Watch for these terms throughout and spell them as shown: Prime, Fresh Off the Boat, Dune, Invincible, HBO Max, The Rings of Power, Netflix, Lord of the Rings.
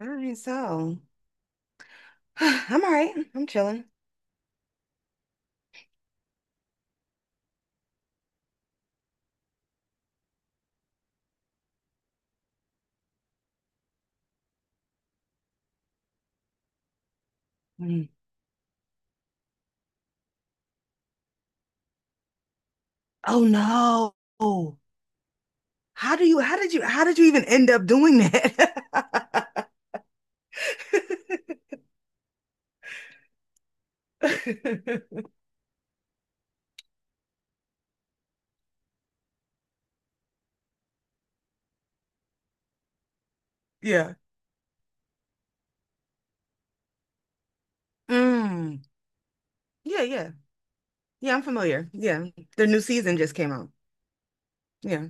All right, so I'm all right. I'm chilling. Mm. Oh no. How do you how did you how did you even end up doing that? Yeah. Mm. Yeah, yeah. Yeah, I'm familiar. Yeah. Their new season just came out. Yeah.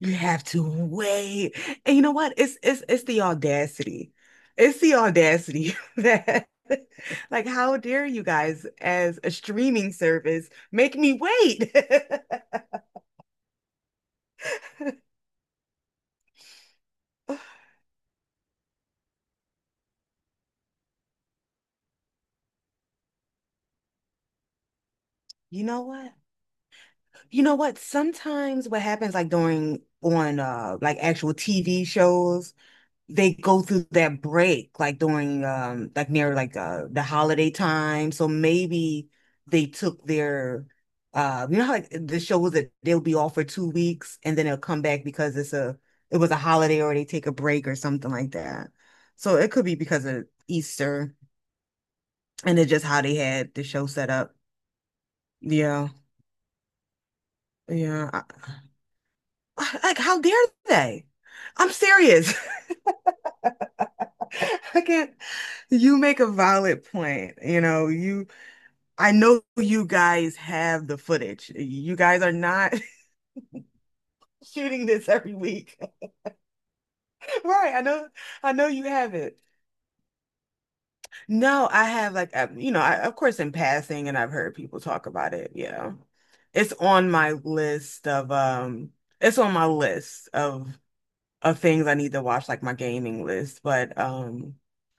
You have to wait. And you know what? It's the audacity. It's the audacity that like how dare you guys as a streaming service make me wait. You know what? You know what? Sometimes what happens like during on like actual TV shows, they go through that break like during like near like the holiday time. So maybe they took their you know how like the shows that they'll be off for 2 weeks and then they'll come back because it was a holiday or they take a break or something like that. So it could be because of Easter and it's just how they had the show set up. Yeah. Yeah. Like, how dare they? I'm serious. I can't. You make a valid point. You know, you, I know you guys have the footage. You guys are not shooting this every week. Right. I know you have it. No, I have like, you know, I, of course, in passing, and I've heard people talk about it. Yeah. It's on my list of, it's on my list of things I need to watch, like my gaming list. But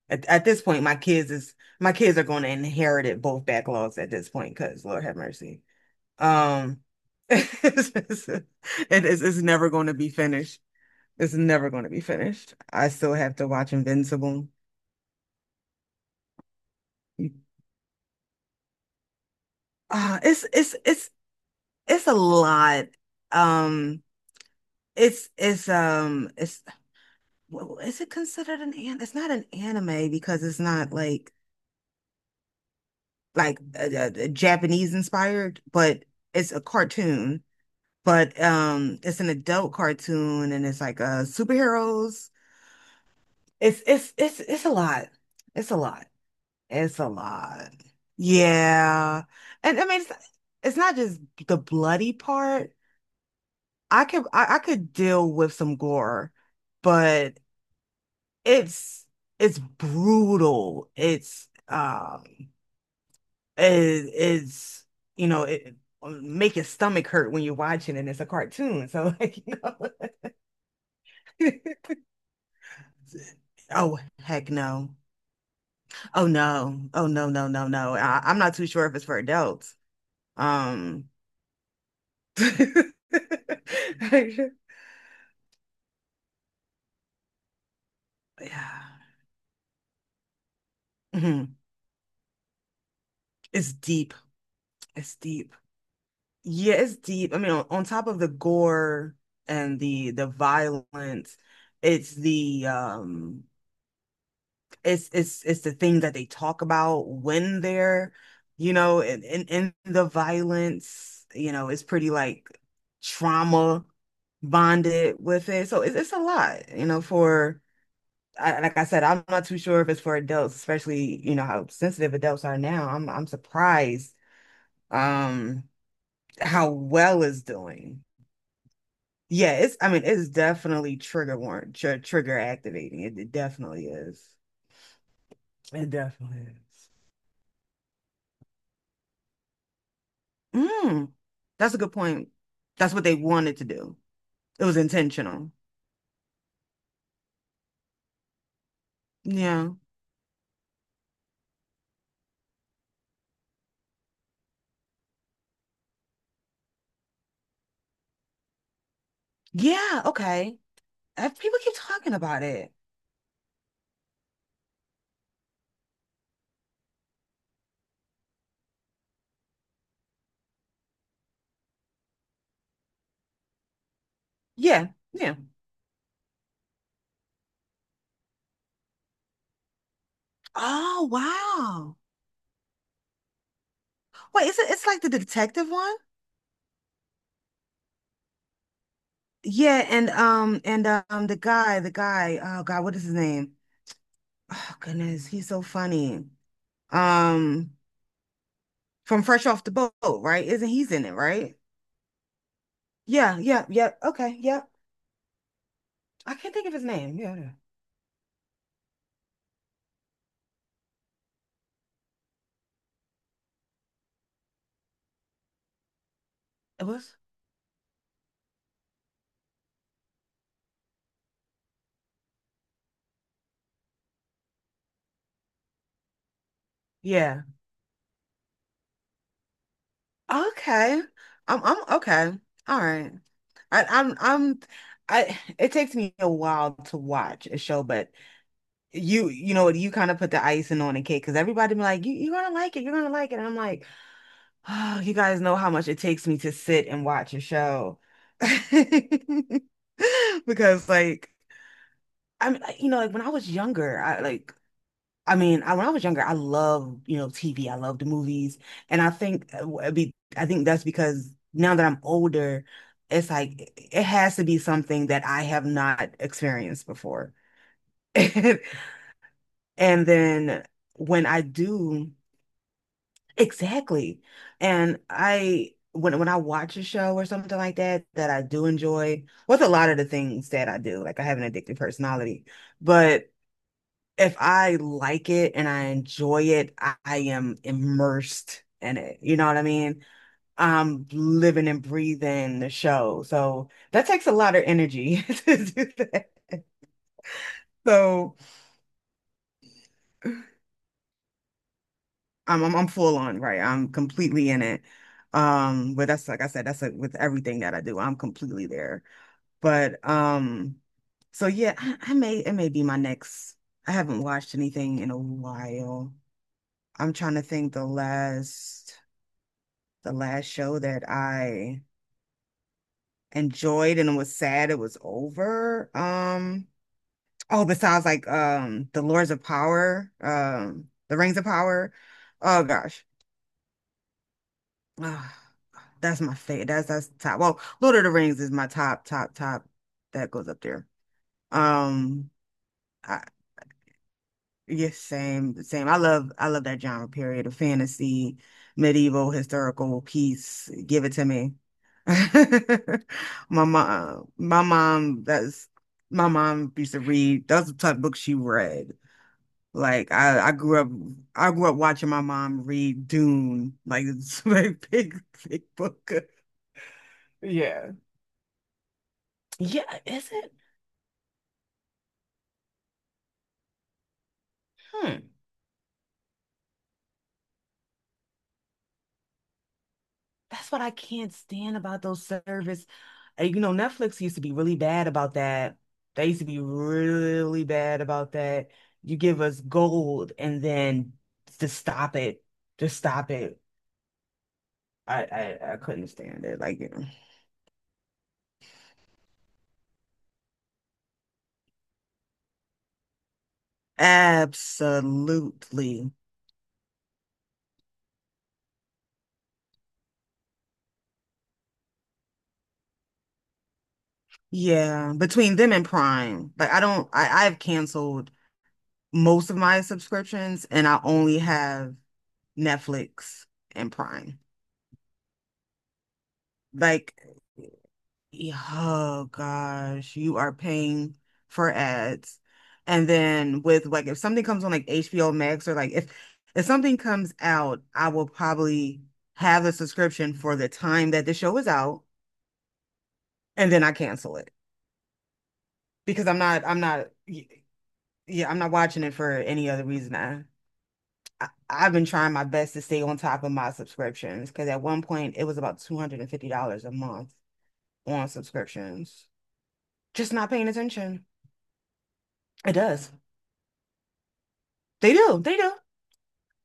at this point, my kids are going to inherit it both backlogs at this point because Lord have mercy. Um, it's never going to be finished. It's never going to be finished. I still have to watch Invincible. Uh, it's it's it's it's a lot. Um, it's well, is it considered an? It's not an anime because it's not like like a Japanese inspired, but it's a cartoon. But it's an adult cartoon, and it's like superheroes. It's it's a lot. It's a lot. It's a lot. Yeah, and I mean it's not just the bloody part. I could deal with some gore, but it's it's brutal. It, it's you know it make your stomach hurt when you're watching and it's a cartoon. So like you know. Oh heck no. Oh no. Oh no no no no. I'm not too sure if it's for adults. Um yeah. Mhm. It's deep. It's deep. Yeah, it's deep. I mean, on top of the gore and the violence, it's the um it's the thing that they talk about when they're, you know, in the violence, you know, it's pretty like trauma bonded with it. So it's a lot, you know, for like I said, I'm not too sure if it's for adults, especially, you know, how sensitive adults are now. I'm surprised um how well it's doing. Yeah, it's I mean, it's definitely trigger warrant, tr trigger activating. It definitely is. It definitely is. Mm, that's a good point. That's what they wanted to do. It was intentional. Yeah. Yeah, okay. If people keep talking about it. Yeah, yeah. Oh, wow. Wait, is it it's like the detective one? Yeah, and the guy, oh God, what is his name? Oh goodness, he's so funny. Um from Fresh Off the Boat, right? Isn't he's in it, right? Yeah, yeah, yeah. Okay, yeah. I can't think of his name. Yeah, yeah. It was. Yeah. Okay. I'm okay. All right. I'm I it takes me a while to watch a show, but you know what you kind of put the icing on the cake because everybody be like, you're gonna like it, you're gonna like it. And I'm like, oh, you guys know how much it takes me to sit and watch a show. Because like I'm you know, like when I was younger, I like when I was younger, I loved, you know, TV. I loved the movies. And I think I think that's because now that I'm older, it's like it has to be something that I have not experienced before. And then when I do, exactly. And I when I watch a show or something like that that I do enjoy, with a lot of the things that I do, like I have an addictive personality. But if I like it and I enjoy it, I am immersed in it. You know what I mean? I'm living and breathing the show. So that takes a lot of energy to do that. So I'm full on, right? I'm completely in it. But that's like I said, that's like with everything that I do, I'm completely there. But so yeah, I may it may be my next. I haven't watched anything in a while. I'm trying to think the last. The last show that I enjoyed and was sad it was over. Oh, besides like The Lords of Power, The Rings of Power. Oh gosh. Ah, that's my favorite. That's top. Well, Lord of the Rings is my top, top, top. That goes up there. Um, I, Yes, same, same. I love that genre period of fantasy, medieval, historical piece. Give it to me. My my mom, that's my mom used to read. That's the type of book she read. Like I grew up watching my mom read Dune. Like it's a very big, big book. Yeah. Yeah, is it? Hmm. That's what I can't stand about those service. Uh, you know, Netflix used to be really bad about that. They used to be really bad about that. You give us gold and then just stop it. Just stop it. I couldn't stand it. Like, you know. Absolutely. Yeah. Between them and Prime. Like I don't I, I've canceled most of my subscriptions and I only have Netflix and Prime. Like yeah, oh gosh, you are paying for ads. And then with like if something comes on like HBO Max or like if something comes out, I will probably have a subscription for the time that the show is out and then I cancel it because I'm not y- yeah, I'm not watching it for any other reason. I I've been trying my best to stay on top of my subscriptions because at one point it was about $250 a month on subscriptions. Just not paying attention. It does. They do. They do.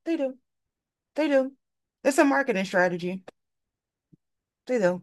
They do. They do. It's a marketing strategy. They do.